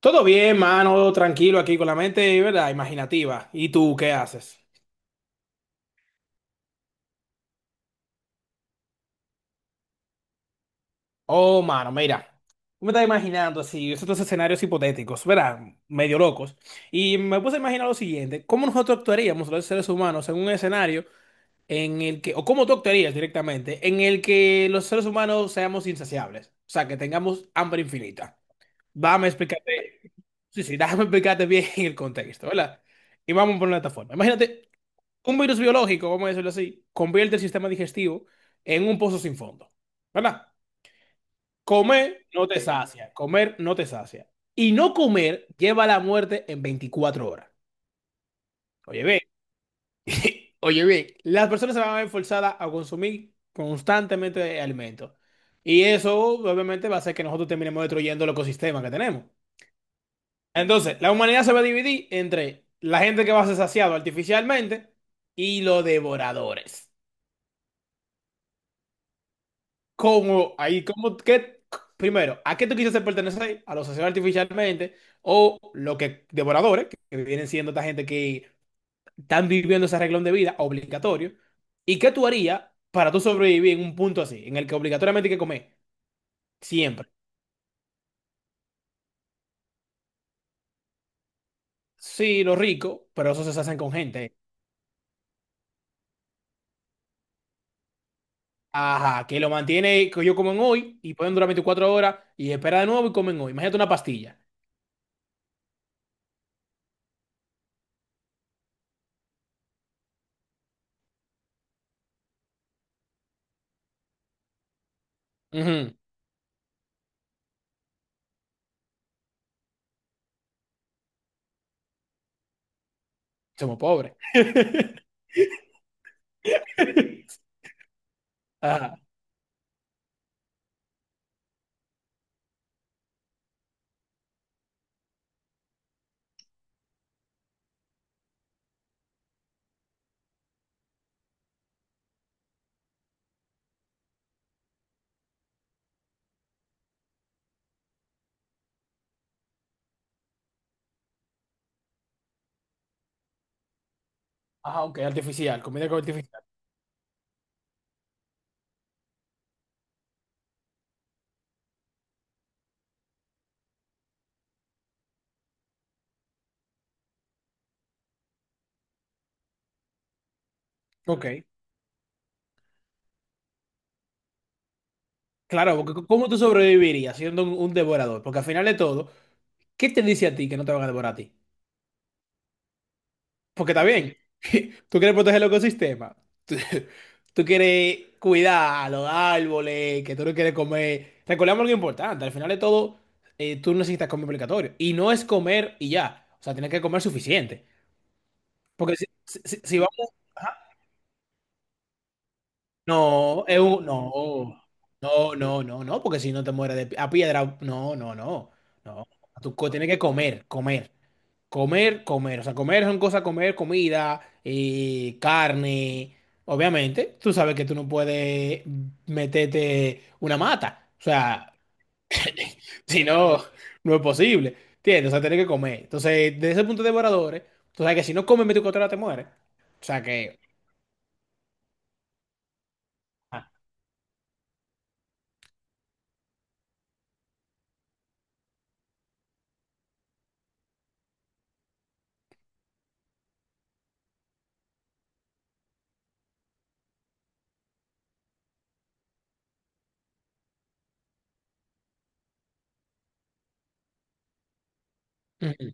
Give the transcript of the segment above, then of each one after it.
Todo bien, mano, tranquilo aquí con la mente, ¿verdad? Imaginativa. ¿Y tú qué haces? Oh, mano, mira. Me estaba imaginando así, estos escenarios hipotéticos, ¿verdad? Medio locos. Y me puse a imaginar lo siguiente: ¿cómo nosotros actuaríamos los seres humanos en un escenario en el que, o cómo tú actuarías directamente, en el que los seres humanos seamos insaciables? O sea, que tengamos hambre infinita. Dame explicarte, sí, sí, déjame explicarte bien el contexto, ¿verdad? Y vamos por una plataforma. Imagínate, un virus biológico, vamos a decirlo así, convierte el sistema digestivo en un pozo sin fondo. ¿Verdad? Comer no te, sí, sacia, comer no te sacia. Y no comer lleva a la muerte en 24 horas. Oye, ve. Oye, bien, las personas se van a ver forzadas a consumir constantemente alimentos. Y eso obviamente va a hacer que nosotros terminemos destruyendo el ecosistema que tenemos. Entonces, la humanidad se va a dividir entre la gente que va a ser saciado artificialmente y los devoradores. ¿Cómo? Ahí, ¿cómo? ¿Qué? Primero, ¿a qué tú quisiste pertenecer? ¿A los asesinos artificialmente? ¿O lo que devoradores, que vienen siendo esta gente que están viviendo ese arreglón de vida obligatorio? ¿Y qué tú harías para tú sobrevivir en un punto así, en el que obligatoriamente hay que comer? Siempre. Sí, los ricos, pero eso se hacen con gente. Ajá, que lo mantiene, que yo comen hoy y pueden durar 24 horas y espera de nuevo y comen hoy. Imagínate una pastilla. Ujú. Somos pobres. Ajá. Ajá, ok, artificial, comida artificial. Ok. Claro, porque c- ¿cómo tú sobrevivirías siendo un devorador? Porque al final de todo, ¿qué te dice a ti que no te van a devorar a ti? Porque está bien, tú quieres proteger el ecosistema, tú, tú quieres cuidar a los árboles, que tú no quieres comer. Recordemos algo importante, al final de todo, tú necesitas comer obligatorio. Y no es comer y ya, o sea, tienes que comer suficiente. Porque si vamos... No, no, no, no, no, no, porque si no te mueres de pi- a piedra, no, no, no, no. Tienes que comer, comer, comer, comer. O sea, comer son cosas, comer, comida, carne. Obviamente, tú sabes que tú no puedes meterte una mata. O sea, si no, no es posible. ¿Entiendes? O sea, tienes que comer. Entonces, desde ese punto de devoradores, tú sabes que si no comes 24 horas te mueres. O sea que, ah, ujú.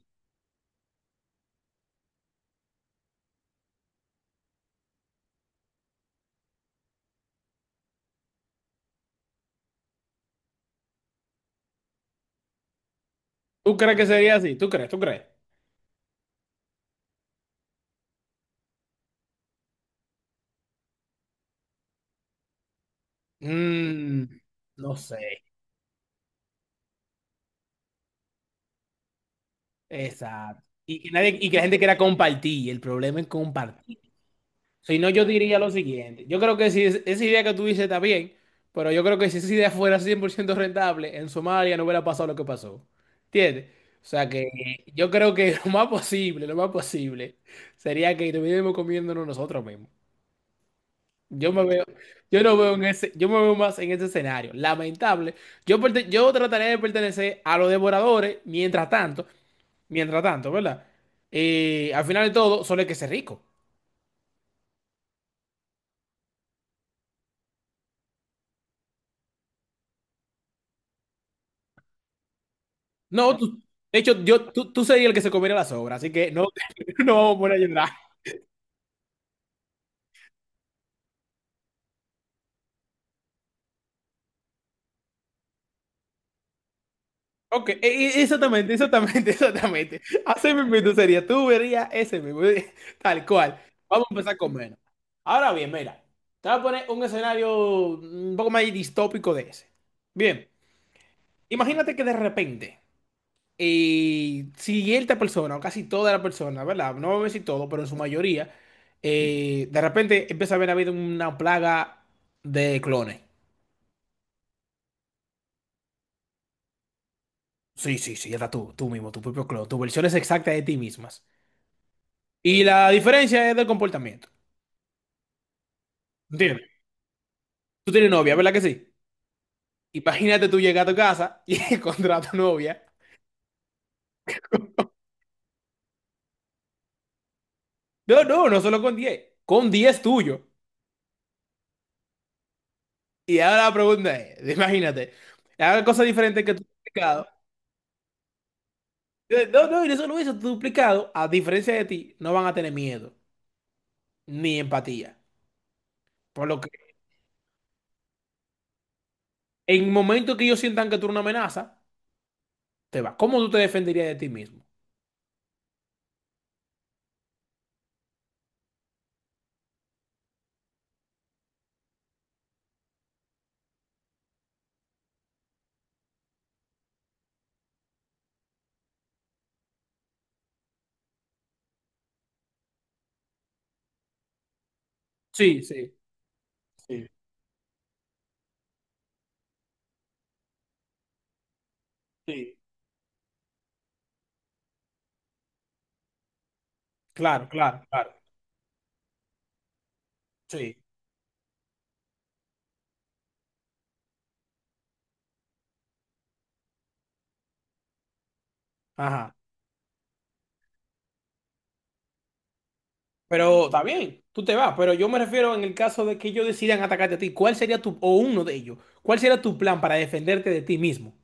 ¿Tú crees que sería así? ¿Tú crees? ¿Tú crees? Mm, no sé, exacto. Y que nadie, y que la gente quiera compartir, el problema es compartir. Si no, yo diría lo siguiente: yo creo que si esa idea que tú dices está bien, pero yo creo que si esa idea fuera 100% rentable, en Somalia no hubiera pasado lo que pasó. ¿Entiendes? O sea que yo creo que lo más posible, sería que estuviéramos comiéndonos nosotros mismos. Yo me veo, yo no veo en ese, yo me veo más en ese escenario. Lamentable. Yo, yo trataré de pertenecer a los devoradores mientras tanto, ¿verdad? Al final de todo, solo el que se rico. No, de hecho, yo, tú serías el que se comiera las obras, así que no, no vamos a poner a llorar. Ok, exactamente, exactamente, exactamente. Así mismo tú sería, tú verías ese mismo, tal cual. Vamos a empezar con menos. Ahora bien, mira, te voy a poner un escenario un poco más distópico de ese. Bien, imagínate que de repente, cierta persona, o casi toda la persona, ¿verdad? No voy a decir todo, pero en su mayoría, de repente empieza a haber habido una plaga de clones. Sí, sí, sí, ya está tú, mismo, tu propio clon, tus versiones exactas de ti mismas. Y la diferencia es del comportamiento. ¿Entiendes? Tú tienes novia, ¿verdad que sí? Imagínate, tú llegas a tu casa y encontrar a tu novia. No, no, no solo con 10, con 10 tuyo. Y ahora la pregunta es, imagínate, haga cosas diferentes que tu duplicado. No, y no solo eso, tu duplicado, a diferencia de ti, no van a tener miedo ni empatía. Por lo que en el momento que ellos sientan que tú eres una amenaza, te va. ¿Cómo tú te defenderías de ti mismo? Sí, sí, sí, sí. Claro, claro, claro. Sí. Ajá. Pero está bien, tú te vas, pero yo me refiero en el caso de que ellos decidan atacarte a ti, ¿cuál sería tu, o uno de ellos, cuál sería tu plan para defenderte de ti mismo?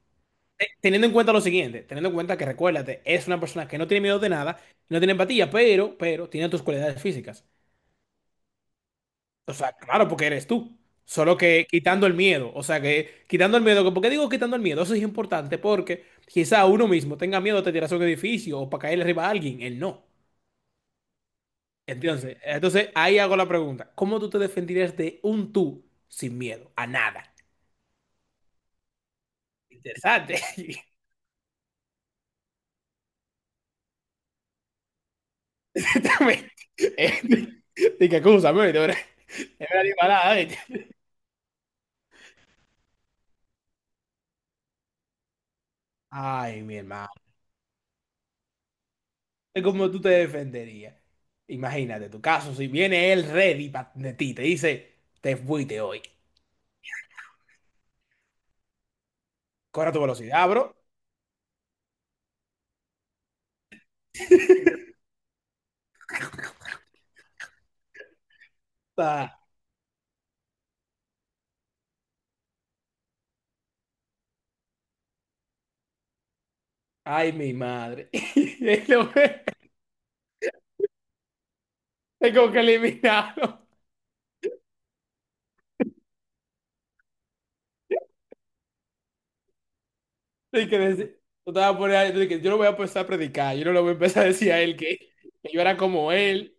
Teniendo en cuenta lo siguiente, teniendo en cuenta que recuérdate, es una persona que no tiene miedo de nada, no tiene empatía, pero tiene tus cualidades físicas. O sea, claro, porque eres tú. Solo que quitando el miedo, o sea que quitando el miedo, ¿por qué digo quitando el miedo? Eso es importante porque quizá uno mismo tenga miedo de tirarse a un edificio o para caer arriba a alguien, él no. Entonces ahí hago la pregunta. ¿Cómo tú te defenderías de un tú sin miedo a nada? Interesante. También, eh, dije, acúsame, ¿viste? Ahora... es una animalada, ¿viste? Ay, mi hermano. ¿Cómo tú te defenderías? Imagínate tu caso. Si viene él ready de ti, te dice, te fuiste hoy. Corre a tu velocidad, bro. Ay, mi madre. Es como que eliminado. Y que yo, te vas a poner de que yo lo voy a empezar a predicar, yo no lo voy a empezar a decir a él que yo era como él.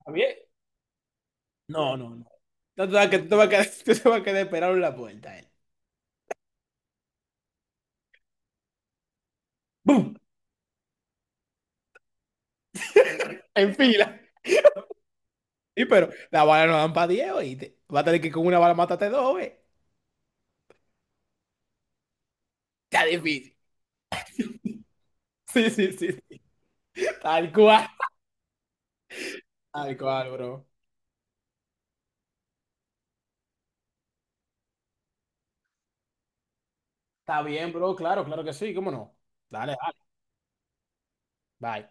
¿Está bien? No, no, no. No te vas a, tú te vas a quedar, tú te vas a quedar esperado en la puerta, él. ¡Bum! En fila. Sí, pero la bala no dan para 10, oíste. Va a tener que con una bala matarte dos, ¿eh? Está difícil. Sí, sí, sí, sí. Tal cual. Tal cual, bro. Está bien, bro. Claro, claro que sí. ¿Cómo no? Dale, dale. Bye.